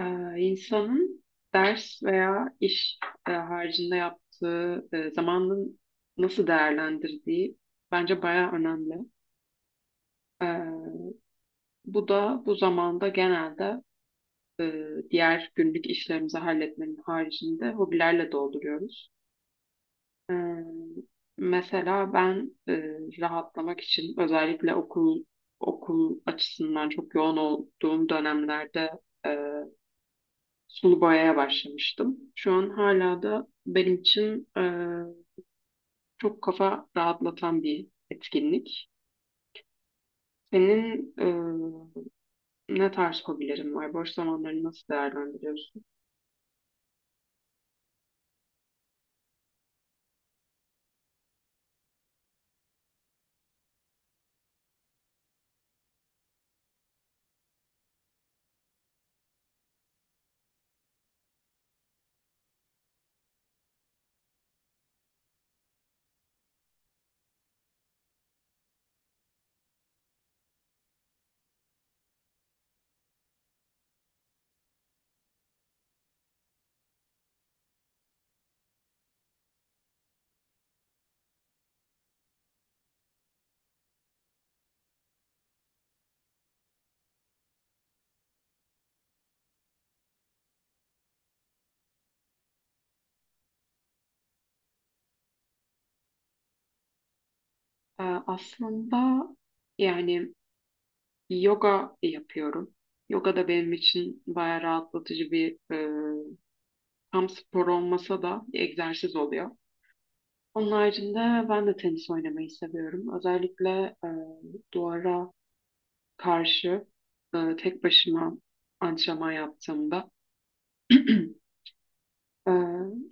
İnsanın ders veya iş haricinde yaptığı zamanını nasıl değerlendirdiği bence bayağı önemli. Ee, Bu da bu zamanda genelde e, diğer günlük işlerimizi halletmenin haricinde hobilerle dolduruyoruz. Ee, Mesela ben rahatlamak için özellikle okul açısından çok yoğun olduğum dönemlerde e, sulu boyaya başlamıştım. Şu an hala da benim için çok kafa rahatlatan bir etkinlik. Senin ne tarz hobilerin var? Boş zamanlarını nasıl değerlendiriyorsun? Aslında yani yoga yapıyorum. Yoga da benim için bayağı rahatlatıcı bir tam spor olmasa da bir egzersiz oluyor. Onun haricinde ben de tenis oynamayı seviyorum. Özellikle e, duvara karşı tek başıma antrenman yaptığımda e,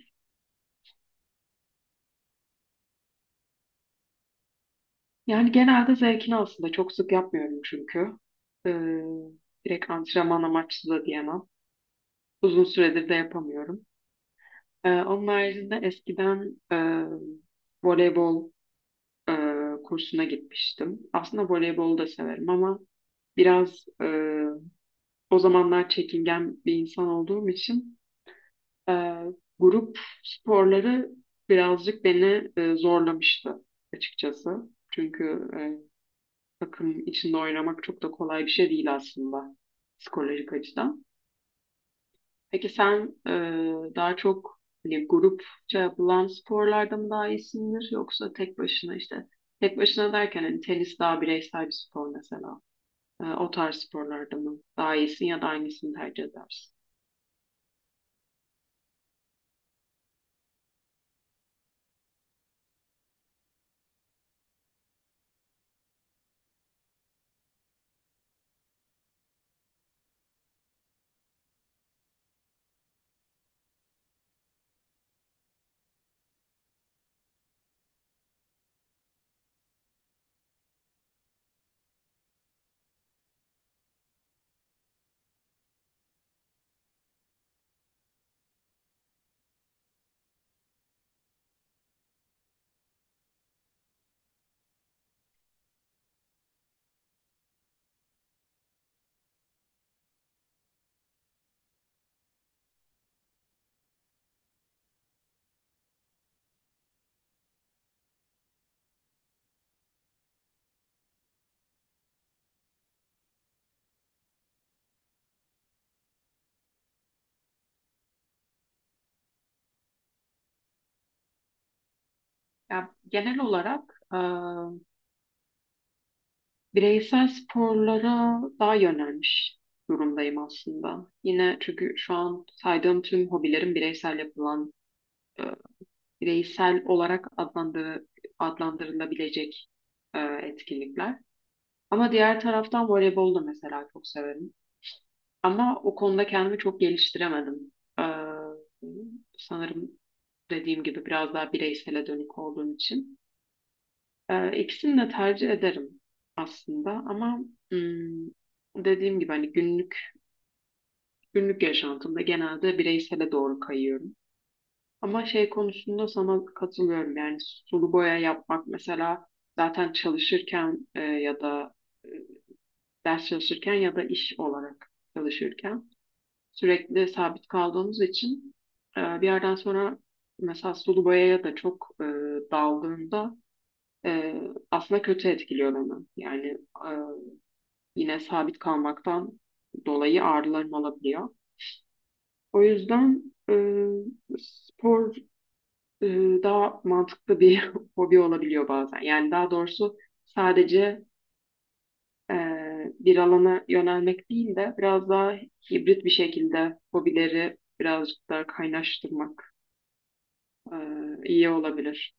yani genelde zevkini aslında çok sık yapmıyorum çünkü. E, Direkt antrenman amaçlı da diyemem. Uzun süredir de yapamıyorum. Onun haricinde eskiden voleybol e, kursuna gitmiştim. Aslında voleybolu da severim ama biraz o zamanlar çekingen bir insan olduğum için Ee, grup sporları birazcık beni zorlamıştı açıkçası. Çünkü takım içinde oynamak çok da kolay bir şey değil aslında psikolojik açıdan. Peki sen daha çok hani grupça yapılan sporlarda mı daha iyisindir yoksa tek başına işte tek başına derken hani tenis daha bireysel bir spor mesela. O tarz sporlarda mı? Daha iyisin ya da aynısını tercih edersin. Ya, genel olarak bireysel sporlara daha yönelmiş durumdayım aslında. Yine çünkü şu an saydığım tüm hobilerim bireysel yapılan, e, bireysel olarak adlandırılabilecek etkinlikler. Ama diğer taraftan voleybol da mesela çok severim. Ama o konuda kendimi çok geliştiremedim. Ee, Sanırım dediğim gibi biraz daha bireysele dönük olduğum için. İkisini de tercih ederim aslında ama hmm, dediğim gibi hani günlük yaşantımda genelde bireysele doğru kayıyorum. Ama şey konusunda sana katılıyorum yani sulu boya yapmak mesela zaten çalışırken ya da e, ders çalışırken ya da iş olarak çalışırken sürekli sabit kaldığımız için bir yerden sonra mesela sulu boyaya da çok daldığımda e, aslında kötü etkiliyor beni. Yani e, yine sabit kalmaktan dolayı ağrılarım olabiliyor. O yüzden e, spor e, daha mantıklı bir hobi olabiliyor bazen. Yani daha doğrusu sadece e, bir alana yönelmek değil de biraz daha hibrit bir şekilde hobileri birazcık daha kaynaştırmak. Ee, iyi olabilir.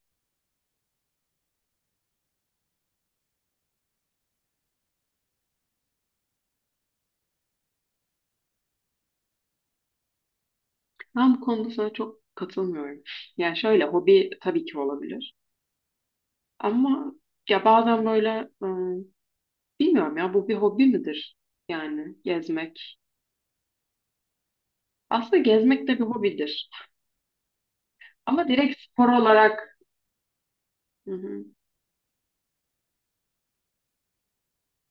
Ben bu konuda sana çok katılmıyorum. Yani şöyle hobi tabii ki olabilir. Ama ya bazen böyle e, bilmiyorum ya bu bir hobi midir? Yani gezmek. Aslında gezmek de bir hobidir. Ama direkt spor olarak. Hı hı.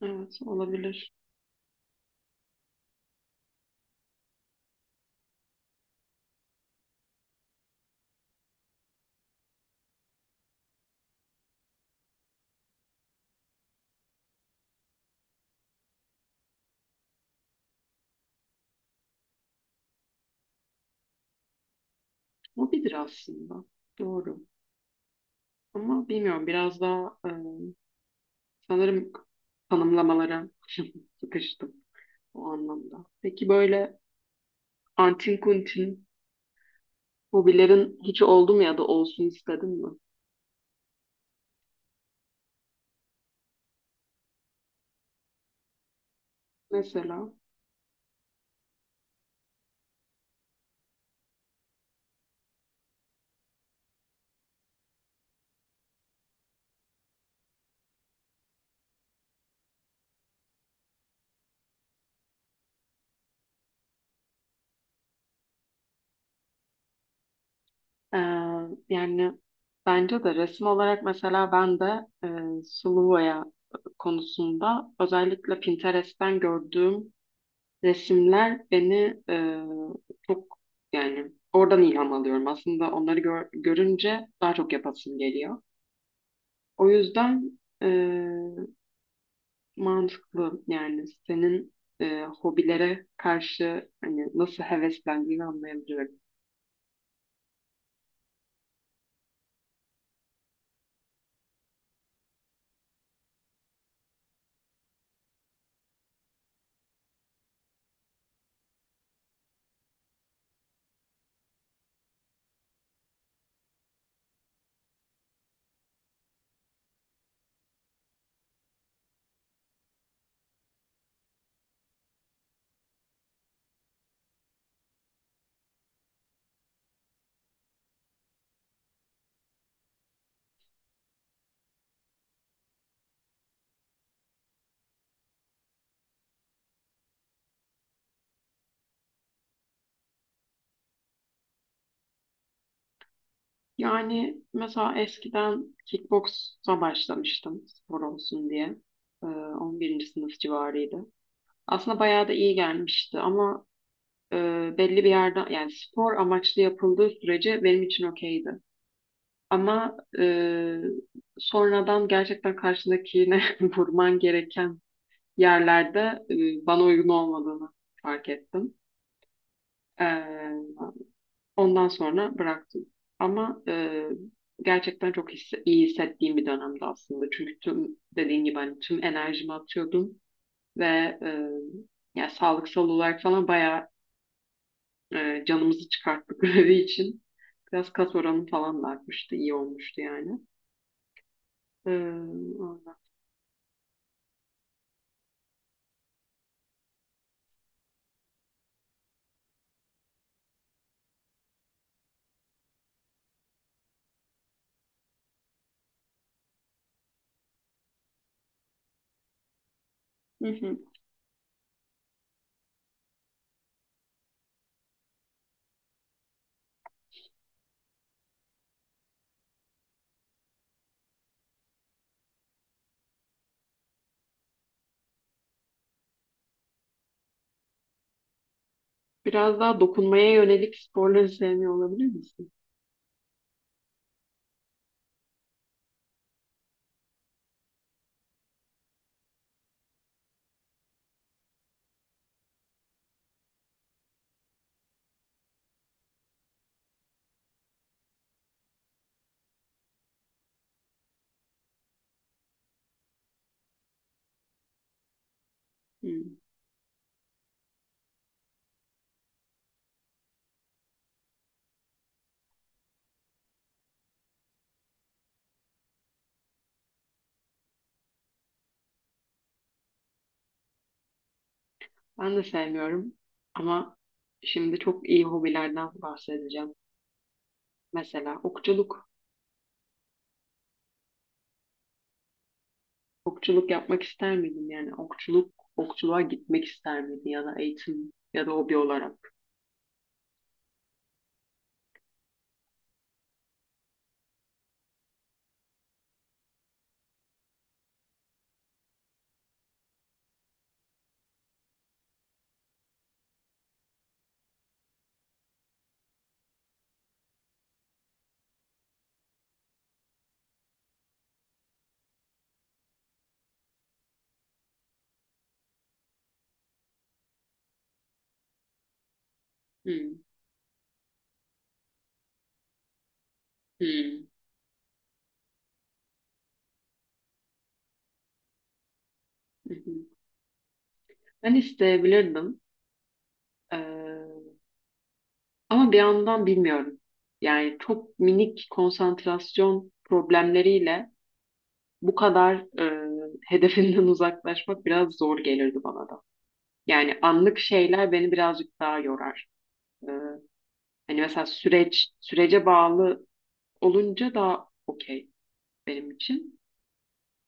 Evet olabilir. Hobidir aslında. Doğru. Ama bilmiyorum biraz daha sanırım tanımlamalara sıkıştım o anlamda. Peki böyle antin kuntin hobilerin hiç oldu mu ya da olsun istedin mi? Mesela e, yani bence de resim olarak mesela ben de sulu boya konusunda özellikle Pinterest'ten gördüğüm resimler beni çok yani oradan ilham alıyorum. Aslında onları görünce daha çok yapasım geliyor. O yüzden mantıklı yani senin hobilere karşı hani nasıl heveslendiğini anlayabiliyorum. Yani mesela eskiden kickboksa başlamıştım spor olsun diye. 11. sınıf civarıydı. Aslında bayağı da iyi gelmişti ama e, belli bir yerden yani spor amaçlı yapıldığı sürece benim için okeydi. Ama sonradan gerçekten karşındakine vurman gereken yerlerde bana uygun olmadığını fark ettim. Ee, Ondan sonra bıraktım. Ama gerçekten çok iyi hissettiğim bir dönemdi aslında. Çünkü tüm dediğin gibi hani tüm enerjimi atıyordum ve e, ya sağlıksal olarak falan bayağı canımızı çıkarttık grevi için. Biraz kas oranı falan da artmıştı, iyi olmuştu yani. E, Ondan. Hı hı. Biraz daha dokunmaya yönelik sporları sevmiyor olabilir misin? Hı. Ben de sevmiyorum ama şimdi çok iyi hobilerden bahsedeceğim. Mesela okçuluk. Okçuluk yapmak ister miydin? Yani okçuluk, okçuluğa gitmek ister miydin ya da eğitim ya da hobi olarak? Hmm, hmm, hı hı. Ben isteyebilirdim. Ee, Ama bir yandan bilmiyorum. Yani çok minik konsantrasyon problemleriyle bu kadar e, hedefinden uzaklaşmak biraz zor gelirdi bana da. Yani anlık şeyler beni birazcık daha yorar. Ee, Hani mesela sürece bağlı olunca daha okey benim için.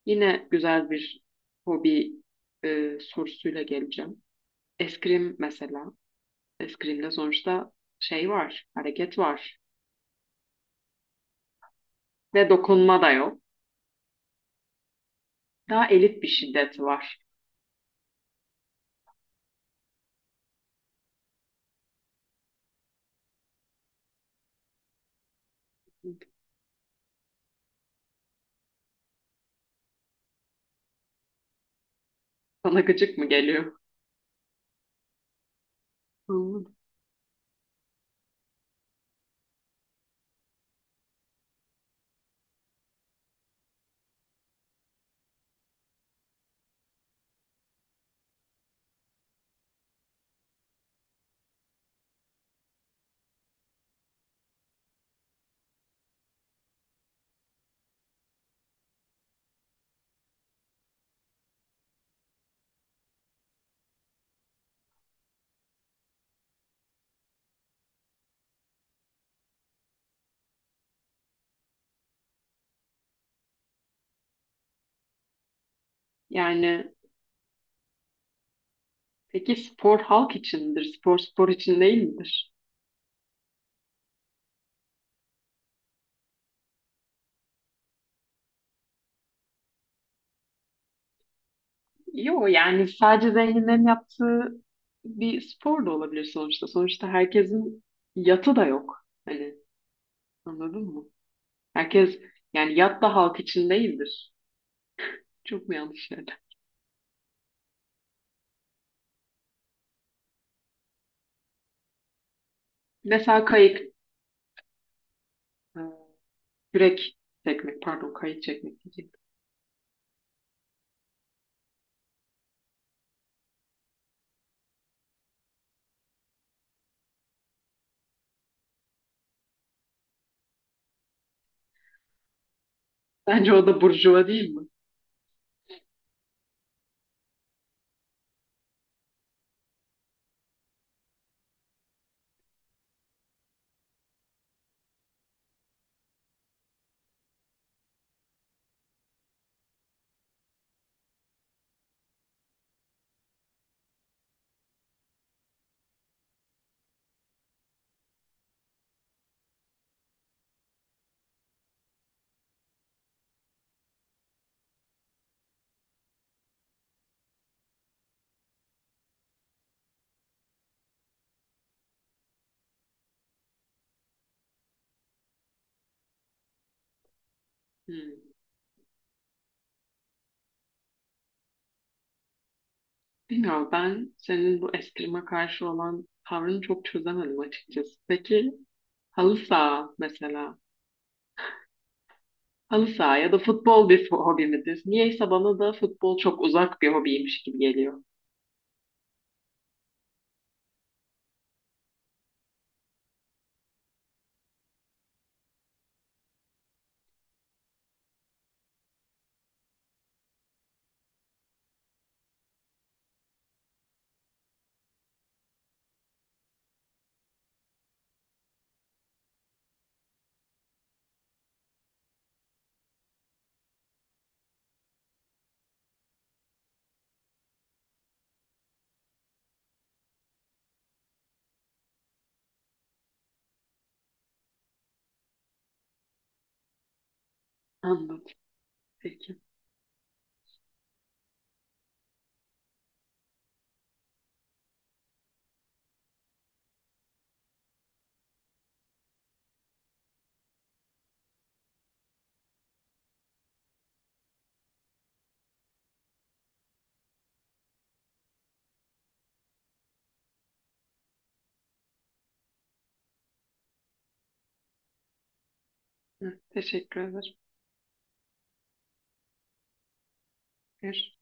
Yine güzel bir hobi sorusuyla geleceğim. Eskrim mesela. Eskrimde sonuçta şey var, hareket var ve dokunma da yok. Daha elit bir şiddet var. Sana gıcık mı geliyor? Yani peki spor halk içindir, spor spor için değil midir? Yok yani sadece zenginlerin yaptığı bir spor da olabilir sonuçta. Sonuçta herkesin yatı da yok. Hani anladın mı? Herkes yani yat da halk için değildir. Çok mu yanlış yerler? Mesela kayık, e, kürek çekmek, pardon kayık çekmek diyeceğim. Bence o da burjuva değil mi? Hmm. Bilmiyorum ben senin bu eskrima karşı olan tavrını çok çözemedim açıkçası. Peki halı saha mesela. Halı saha ya da futbol bir hobi midir? Niyeyse bana da futbol çok uzak bir hobiymiş gibi geliyor. Anladım. Peki. Hı, teşekkür ederim. Görüşürüz.